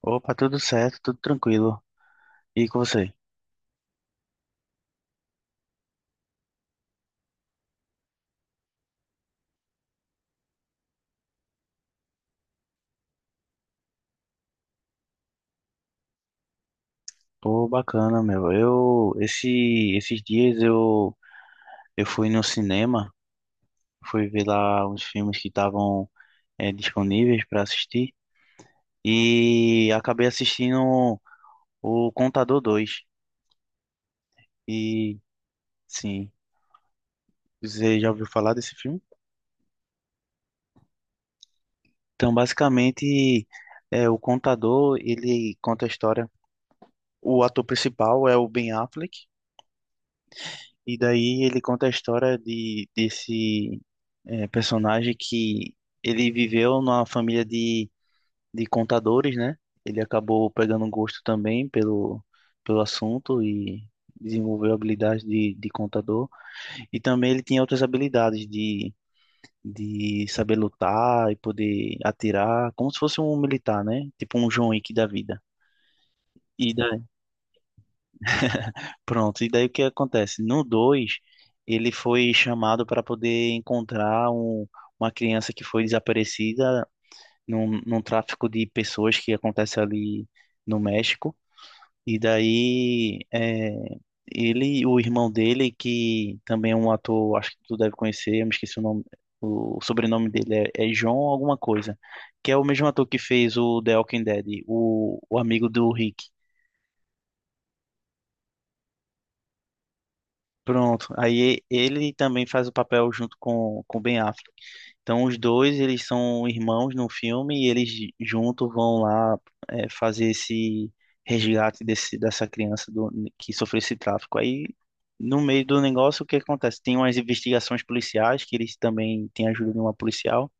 Opa, tudo certo, tudo tranquilo. E com você? Pô, bacana, meu. Esses dias eu fui no cinema, fui ver lá uns filmes que estavam disponíveis para assistir e acabei assistindo o Contador 2. E, sim, você já ouviu falar desse filme? Então, basicamente, o Contador, ele conta a história. O ator principal é o Ben Affleck. E daí ele conta a história de desse personagem que ele viveu numa família de contadores, né? Ele acabou pegando gosto também pelo assunto e desenvolveu habilidades de contador. E também ele tinha outras habilidades de saber lutar e poder atirar, como se fosse um militar, né? Tipo um John Wick da vida. E daí Pronto, e daí o que acontece? No 2 ele foi chamado para poder encontrar uma criança que foi desaparecida num tráfico de pessoas que acontece ali no México. E daí e o irmão dele, que também é um ator, acho que tu deve conhecer, eu me esqueci o nome, o sobrenome dele é John alguma coisa, que é o mesmo ator que fez o The Walking Dead, o amigo do Rick. Pronto. Aí ele também faz o papel junto com Ben Affleck. Então os dois, eles são irmãos no filme e eles juntos vão lá fazer esse resgate dessa criança que sofreu esse tráfico. Aí no meio do negócio, o que acontece? Tem umas investigações policiais que eles também têm a ajuda de uma policial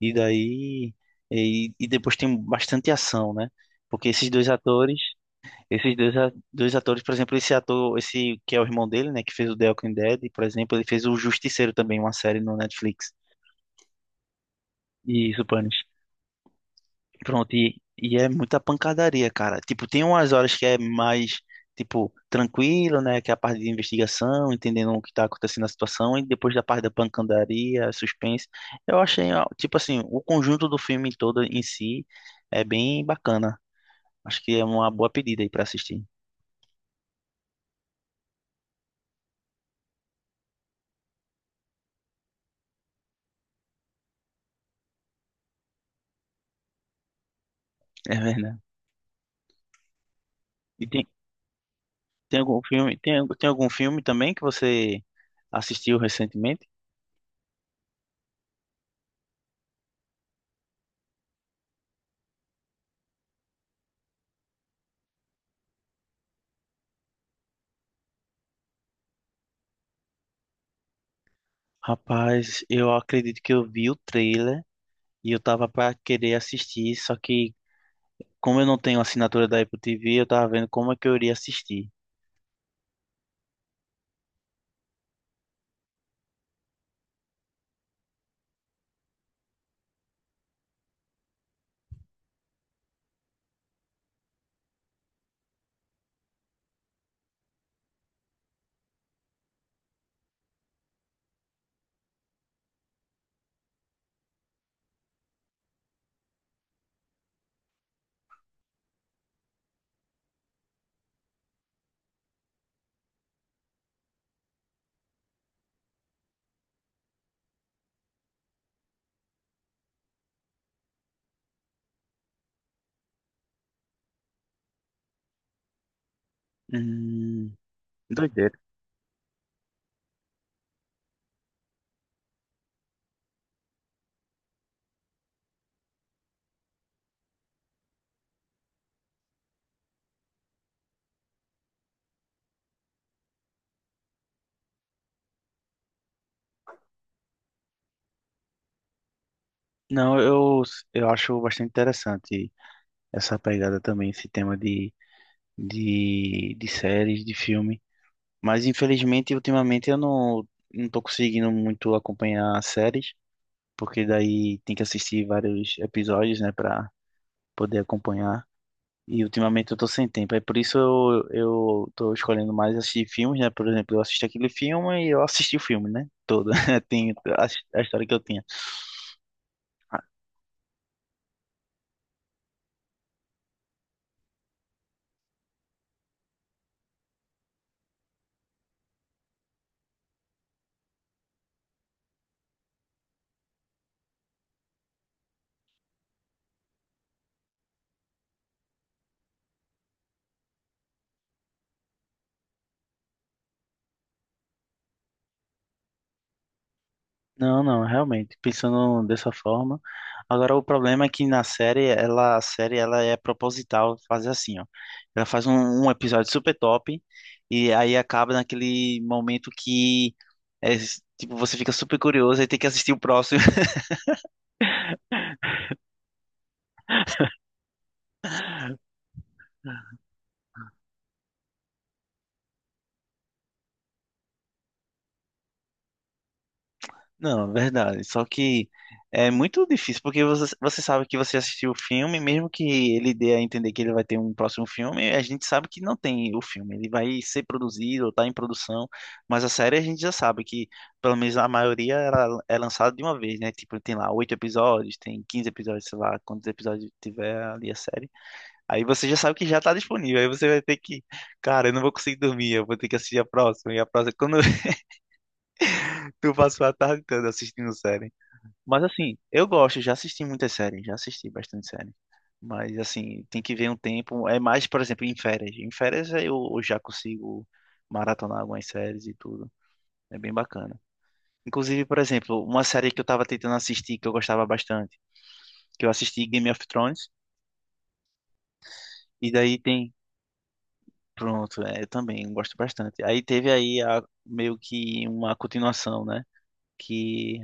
e daí e depois tem bastante ação, né? Porque esses dois atores esses dois, a- dois atores, por exemplo, esse ator, esse que é o irmão dele, né, que fez o The Walking Dead, por exemplo, ele fez o Justiceiro também, uma série no Netflix. E isso, Panos. Pronto, e é muita pancadaria, cara. Tipo, tem umas horas que é mais, tipo, tranquilo, né, que é a parte de investigação, entendendo o que tá acontecendo na situação, e depois da parte da pancadaria, suspense. Eu achei, ó, tipo assim, o conjunto do filme todo em si é bem bacana. Acho que é uma boa pedida aí pra assistir. É verdade. E tem- Tem algum filme também que você assistiu recentemente? Rapaz, eu acredito que eu vi o trailer e eu tava pra querer assistir, só que como eu não tenho assinatura da Apple TV, eu tava vendo como é que eu iria assistir. Hum, doideira. Não, eu acho bastante interessante essa pegada também, esse tema de séries, de filme. Mas infelizmente, ultimamente eu não tô conseguindo muito acompanhar séries. Porque daí tem que assistir vários episódios, né, para poder acompanhar. E ultimamente eu tô sem tempo, é por isso eu tô escolhendo mais assistir filmes, né? Por exemplo, eu assisti aquele filme e eu assisti o filme, né? Todo. Tem a, a história que eu tinha. Não, não, realmente, pensando dessa forma. Agora, o problema é que na série, ela é proposital fazer assim, ó. Ela faz um episódio super top e aí acaba naquele momento que é, tipo, você fica super curioso e tem que assistir o próximo. Não, verdade. Só que é muito difícil, porque você, você sabe que você assistiu o filme, mesmo que ele dê a entender que ele vai ter um próximo filme, a gente sabe que não tem o filme. Ele vai ser produzido ou tá em produção, mas a série a gente já sabe que, pelo menos a maioria, ela é lançada de uma vez, né? Tipo, tem lá oito episódios, tem 15 episódios, sei lá, quantos episódios tiver ali a série. Aí você já sabe que já tá disponível. Aí você vai ter que, cara, eu não vou conseguir dormir, eu vou ter que assistir a próxima. E a próxima, quando tu passou a tarde toda assistindo série. Mas assim, eu gosto, já assisti muitas séries, já assisti bastante série. Mas assim, tem que ver um tempo. É mais, por exemplo, em férias. Em férias eu já consigo maratonar algumas séries e tudo. É bem bacana. Inclusive, por exemplo, uma série que eu tava tentando assistir, que eu gostava bastante, que eu assisti Game of Thrones, e daí tem. Pronto, é, eu também gosto bastante. Aí teve aí meio que uma continuação, né? Que.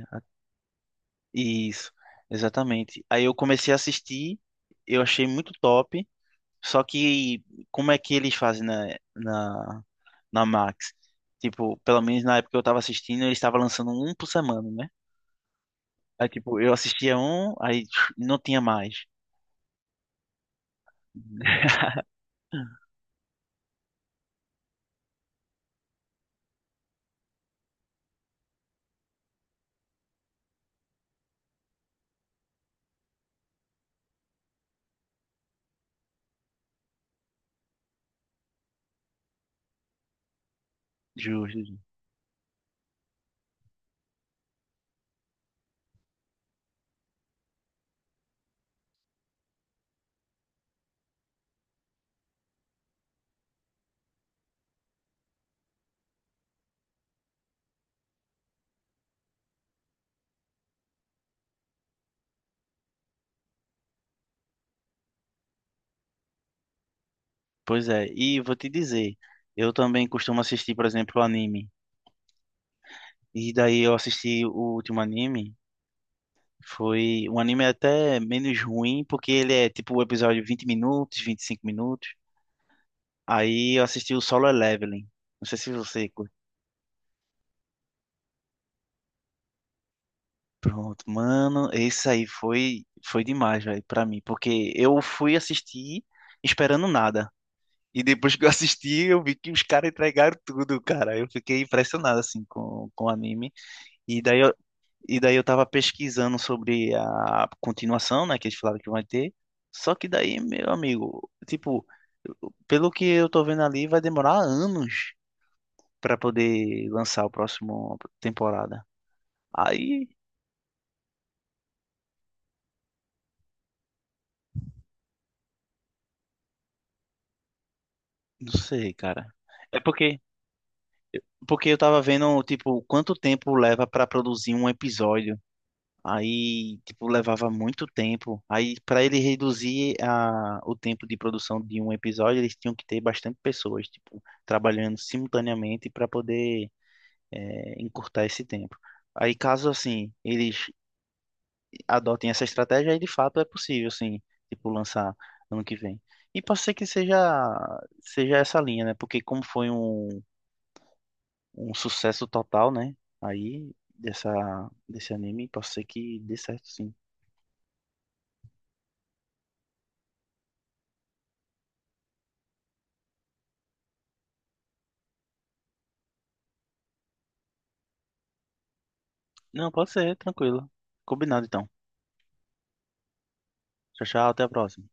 Isso, exatamente. Aí eu comecei a assistir, eu achei muito top. Só que como é que eles fazem na Max? Tipo, pelo menos na época que eu tava assistindo, eles estavam lançando um por semana, né? Aí, tipo, eu assistia um, aí não tinha mais. Justo. Justo. Pois é, e vou te dizer, eu também costumo assistir, por exemplo, anime. E daí eu assisti o último anime, foi um anime até menos ruim, porque ele é tipo o episódio 20 minutos, 25 minutos. Aí eu assisti o Solo Leveling. Não sei se você Pronto, mano, esse aí foi demais, velho, pra mim, porque eu fui assistir esperando nada. E depois que eu assisti, eu vi que os caras entregaram tudo, cara. Eu fiquei impressionado assim com o anime. E daí eu, e daí eu tava pesquisando sobre a continuação, né, que eles falaram que vai ter. Só que daí, meu amigo, tipo, pelo que eu tô vendo ali, vai demorar anos pra poder lançar o próximo temporada. Aí, não sei, cara. É porque Porque eu tava vendo, tipo, quanto tempo leva pra produzir um episódio. Aí, tipo, levava muito tempo. Aí, pra ele reduzir a, o tempo de produção de um episódio, eles tinham que ter bastante pessoas, tipo, trabalhando simultaneamente para poder encurtar esse tempo. Aí, caso, assim, eles adotem essa estratégia, aí de fato é possível, assim, tipo, lançar ano que vem. E pode ser que seja, seja essa linha, né? Porque como foi um sucesso total, né? Aí, desse anime, pode ser que dê certo, sim. Não, pode ser, tranquilo. Combinado, então. Tchau, tchau, até a próxima.